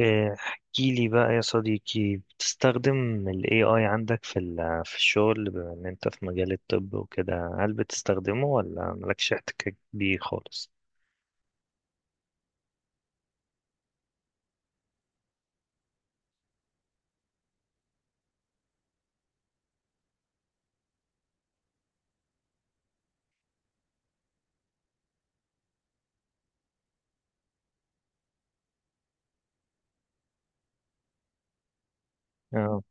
احكي لي بقى يا صديقي، بتستخدم ال AI عندك في الشغل، بما ان انت في مجال الطب وكده؟ هل بتستخدمه ولا مالكش احتكاك بيه خالص؟ اه.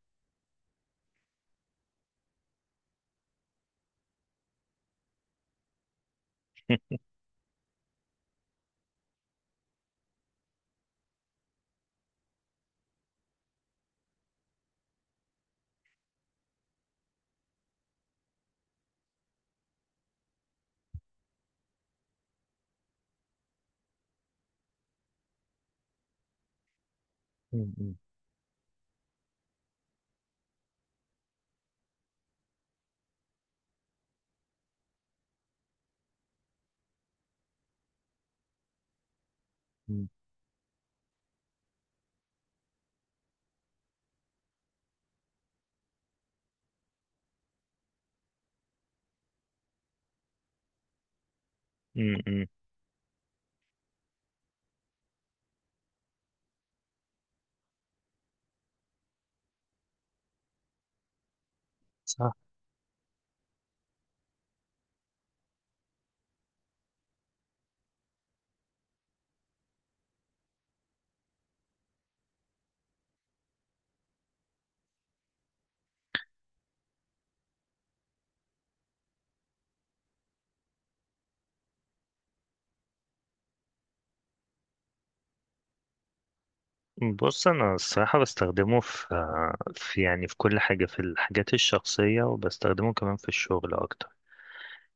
م- م- م- م- م. صح. بص، انا الصراحة بستخدمه في يعني في كل حاجة، في الحاجات الشخصية، وبستخدمه كمان في الشغل اكتر.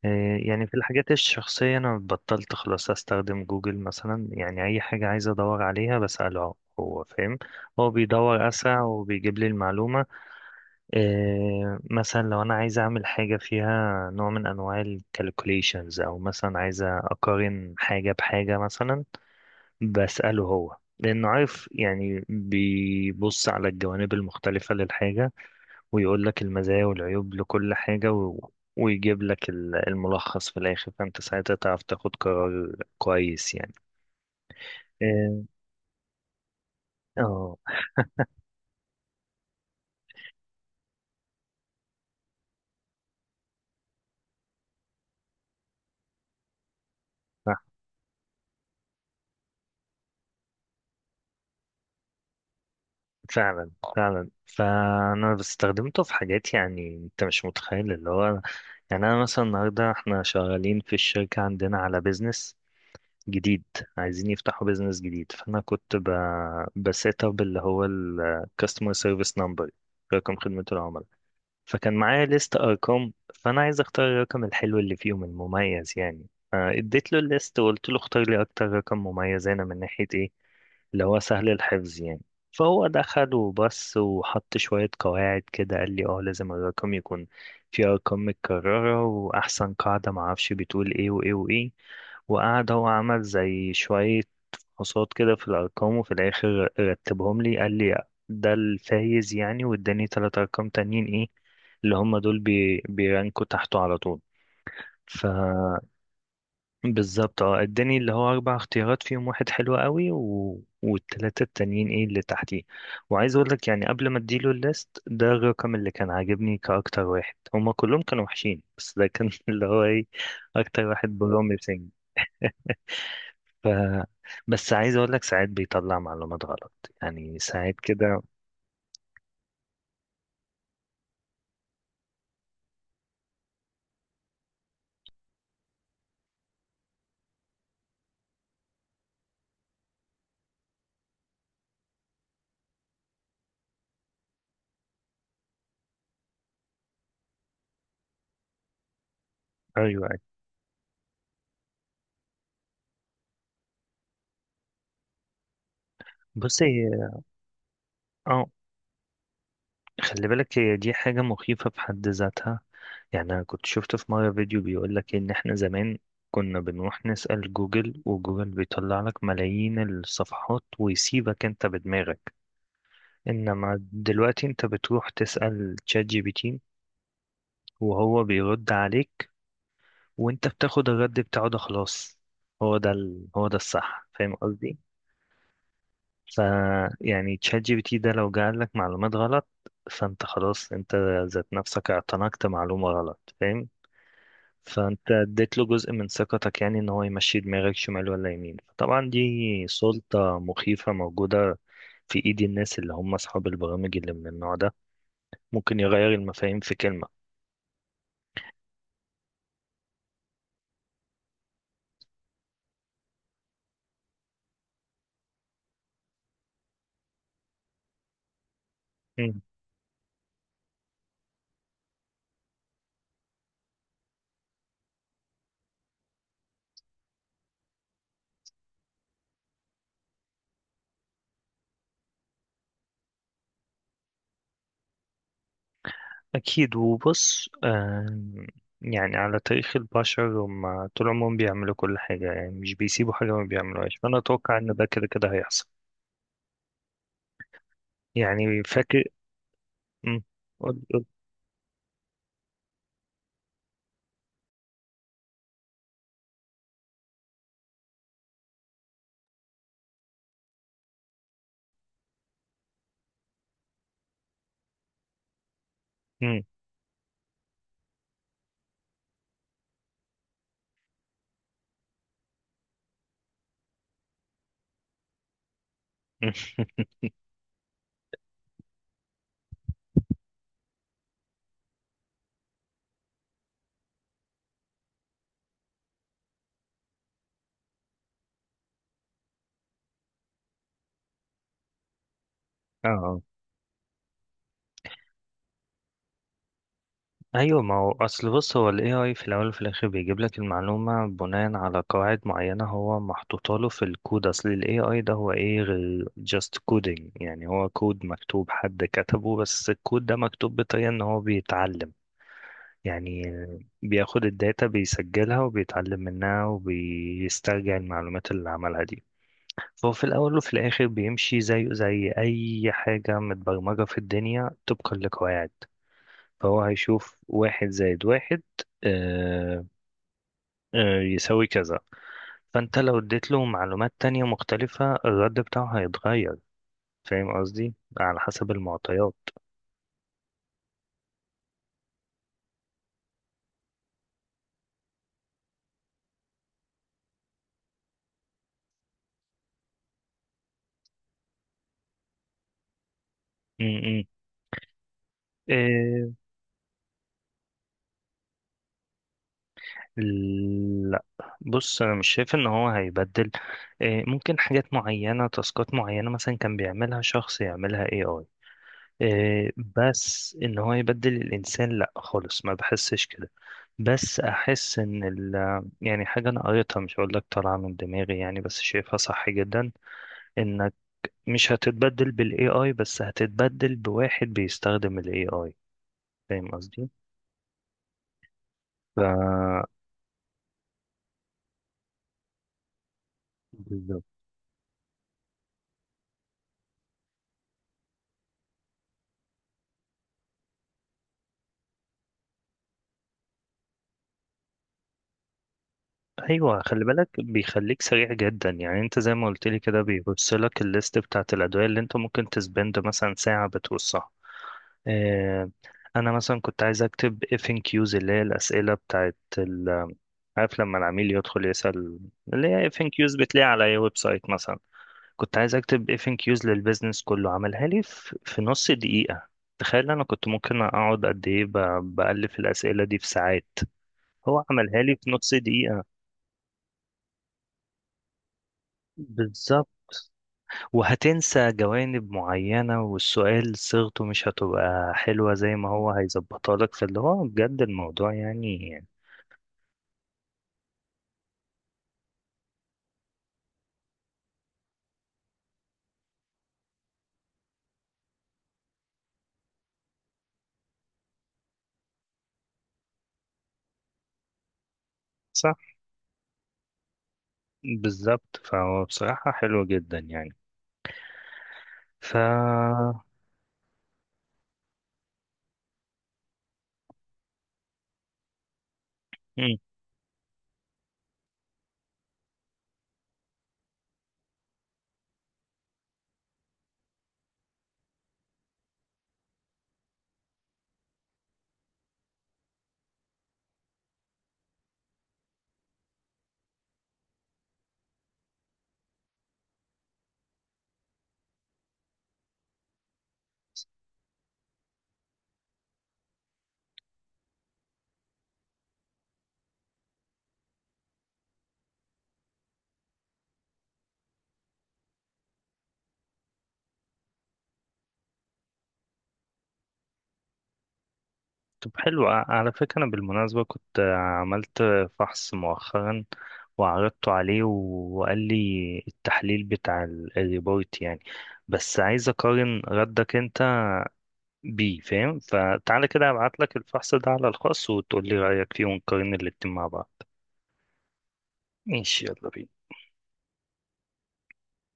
إيه، يعني في الحاجات الشخصية أنا بطلت خلاص أستخدم جوجل مثلا، يعني أي حاجة عايز أدور عليها بسأله هو، فاهم؟ هو بيدور أسرع وبيجيب لي المعلومة. إيه، مثلا لو أنا عايز أعمل حاجة فيها نوع من أنواع ال calculations، أو مثلا عايز أقارن حاجة بحاجة مثلا، بسأله هو لأنه عارف، يعني بيبص على الجوانب المختلفة للحاجة ويقول لك المزايا والعيوب لكل حاجة ويجيب لك الملخص في الآخر، فأنت ساعتها تعرف تاخد قرار كويس يعني. اه. ف- فعلا فعلا، فأنا استخدمته في حاجات يعني أنت مش متخيل اللي هو. يعني أنا مثلا النهاردة احنا شغالين في الشركة عندنا على بيزنس جديد، عايزين يفتحوا بيزنس جديد، بسيت أب اللي هو الكاستمر سيرفيس نمبر، رقم خدمة العملاء. فكان معايا ليست ارقام، فانا عايز اختار الرقم الحلو اللي فيهم المميز يعني، فاديت له الليست وقلت له اختار لي اكتر رقم مميز هنا من ناحيه ايه، اللي هو سهل الحفظ يعني. فهو دخل وبص وحط شوية قواعد كده، قال لي اه، لازم الرقم يكون فيه أرقام متكررة، وأحسن قاعدة معرفش بتقول ايه وايه وايه، وقعد هو عمل زي شوية فحوصات كده في الأرقام، وفي الآخر رتبهم لي، قال لي ده الفايز يعني، واداني تلات أرقام تانيين ايه اللي هم دول بيرانكوا تحته على طول، فبالظبط. اه، اداني اللي هو اربع اختيارات، فيهم واحد حلو قوي والتلاتة التانيين ايه اللي تحتيه. وعايز اقول لك يعني قبل ما اديله الليست، ده الرقم اللي كان عاجبني كاكتر واحد، هما كلهم كانوا وحشين بس ده كان اللي هو ايه، اكتر واحد بروميسنج. ف بس عايز اقول لك ساعات بيطلع معلومات غلط، يعني ساعات كده. ايوه، أيوة. بص، هي اه خلي بالك، هي دي حاجة مخيفة في حد ذاتها. يعني أنا كنت شفت في مرة فيديو بيقول لك إن إحنا زمان كنا بنروح نسأل جوجل، وجوجل بيطلع لك ملايين الصفحات ويسيبك أنت بدماغك، إنما دلوقتي أنت بتروح تسأل تشات جي بي تي وهو بيرد عليك، وأنت بتاخد الرد بتاعه ده خلاص، هو ده الصح، فاهم قصدي؟ ف يعني تشات جي بي تي ده لو جعل لك معلومات غلط، فأنت خلاص أنت ذات نفسك اعتنقت معلومة غلط، فاهم؟ فانت اديت له جزء من ثقتك يعني، ان هو يمشي دماغك شمال ولا يمين. طبعا دي سلطة مخيفة موجودة في ايد الناس اللي هم اصحاب البرامج اللي من النوع ده، ممكن يغير المفاهيم في كلمة. مم. اكيد. وبص، يعني على تاريخ البشر هم طول عمرهم بيعملوا كل حاجة، يعني مش بيسيبوا حاجة ما بيعملوهاش، فانا اتوقع ان ده كده كده هيحصل. يعني فاكر. مم. قول قول. مم. اه، ايوه. ما هو اصل، بص، هو الاي اي في الاول وفي الاخر بيجيب لك المعلومه بناء على قواعد معينه هو محطوطه له في الكود. اصل الاي اي ده هو ايه غير جاست كودينج، يعني هو كود مكتوب حد كتبه، بس الكود ده مكتوب بطريقه ان هو بيتعلم يعني، بياخد الداتا بيسجلها وبيتعلم منها، وبيسترجع المعلومات اللي عملها دي. فهو في الاول وفي الاخر بيمشي زيه زي اي حاجه متبرمجه في الدنيا طبقا لقواعد، فهو هيشوف واحد زائد واحد آه، يساوي كذا، فانت لو اديت له معلومات تانية مختلفة الرد بتاعه هيتغير، فاهم قصدي؟ على حسب المعطيات. م- م. إيه، لا. بص انا مش شايف ان هو هيبدل. إيه، ممكن حاجات معينة، تاسكات معينة مثلا كان بيعملها شخص يعملها اي اي. إيه، بس ان هو يبدل الانسان لا خالص، ما بحسش كده. بس احس ان يعني حاجه انا قريتها مش هقول لك طالعه من دماغي يعني، بس شايفها صح جدا، انك مش هتتبدل بالاي اي، بس هتتبدل بواحد بيستخدم الاي اي، فاهم قصدي؟ ف بالظبط. ايوه، خلي بالك بيخليك سريع جدا، يعني انت زي ما قلت لي كده بيبص لك الليست بتاعت الادويه اللي انت ممكن تسبند مثلا ساعه بتوصها. آه، انا مثلا كنت عايز اكتب اف ان كيوز اللي هي الاسئله بتاعت، عارف لما العميل يدخل يسأل، اللي هي اف ان كيوز بتلاقي على اي ويب سايت مثلا. كنت عايز اكتب اف ان كيوز للبيزنس كله، عملها لي في نص دقيقة. تخيل، انا كنت ممكن اقعد قد ايه بألف الأسئلة دي في ساعات. هو عملها لي في نص دقيقة، بالظبط. وهتنسى جوانب معينة، والسؤال صيغته مش هتبقى حلوة زي ما هو هيظبطها لك، فاللي هو بجد الموضوع يعني. صح، بالظبط، فهو بصراحة حلو جدا يعني. ف طب، حلو، على فكرة أنا بالمناسبة كنت عملت فحص مؤخرا وعرضته عليه وقال لي التحليل بتاع الريبورت يعني، بس عايز أقارن ردك أنت بيه، فاهم؟ فتعالى كده أبعت لك الفحص ده على الخاص وتقول لي رأيك فيه ونقارن الاتنين مع بعض. ماشي، يلا بينا.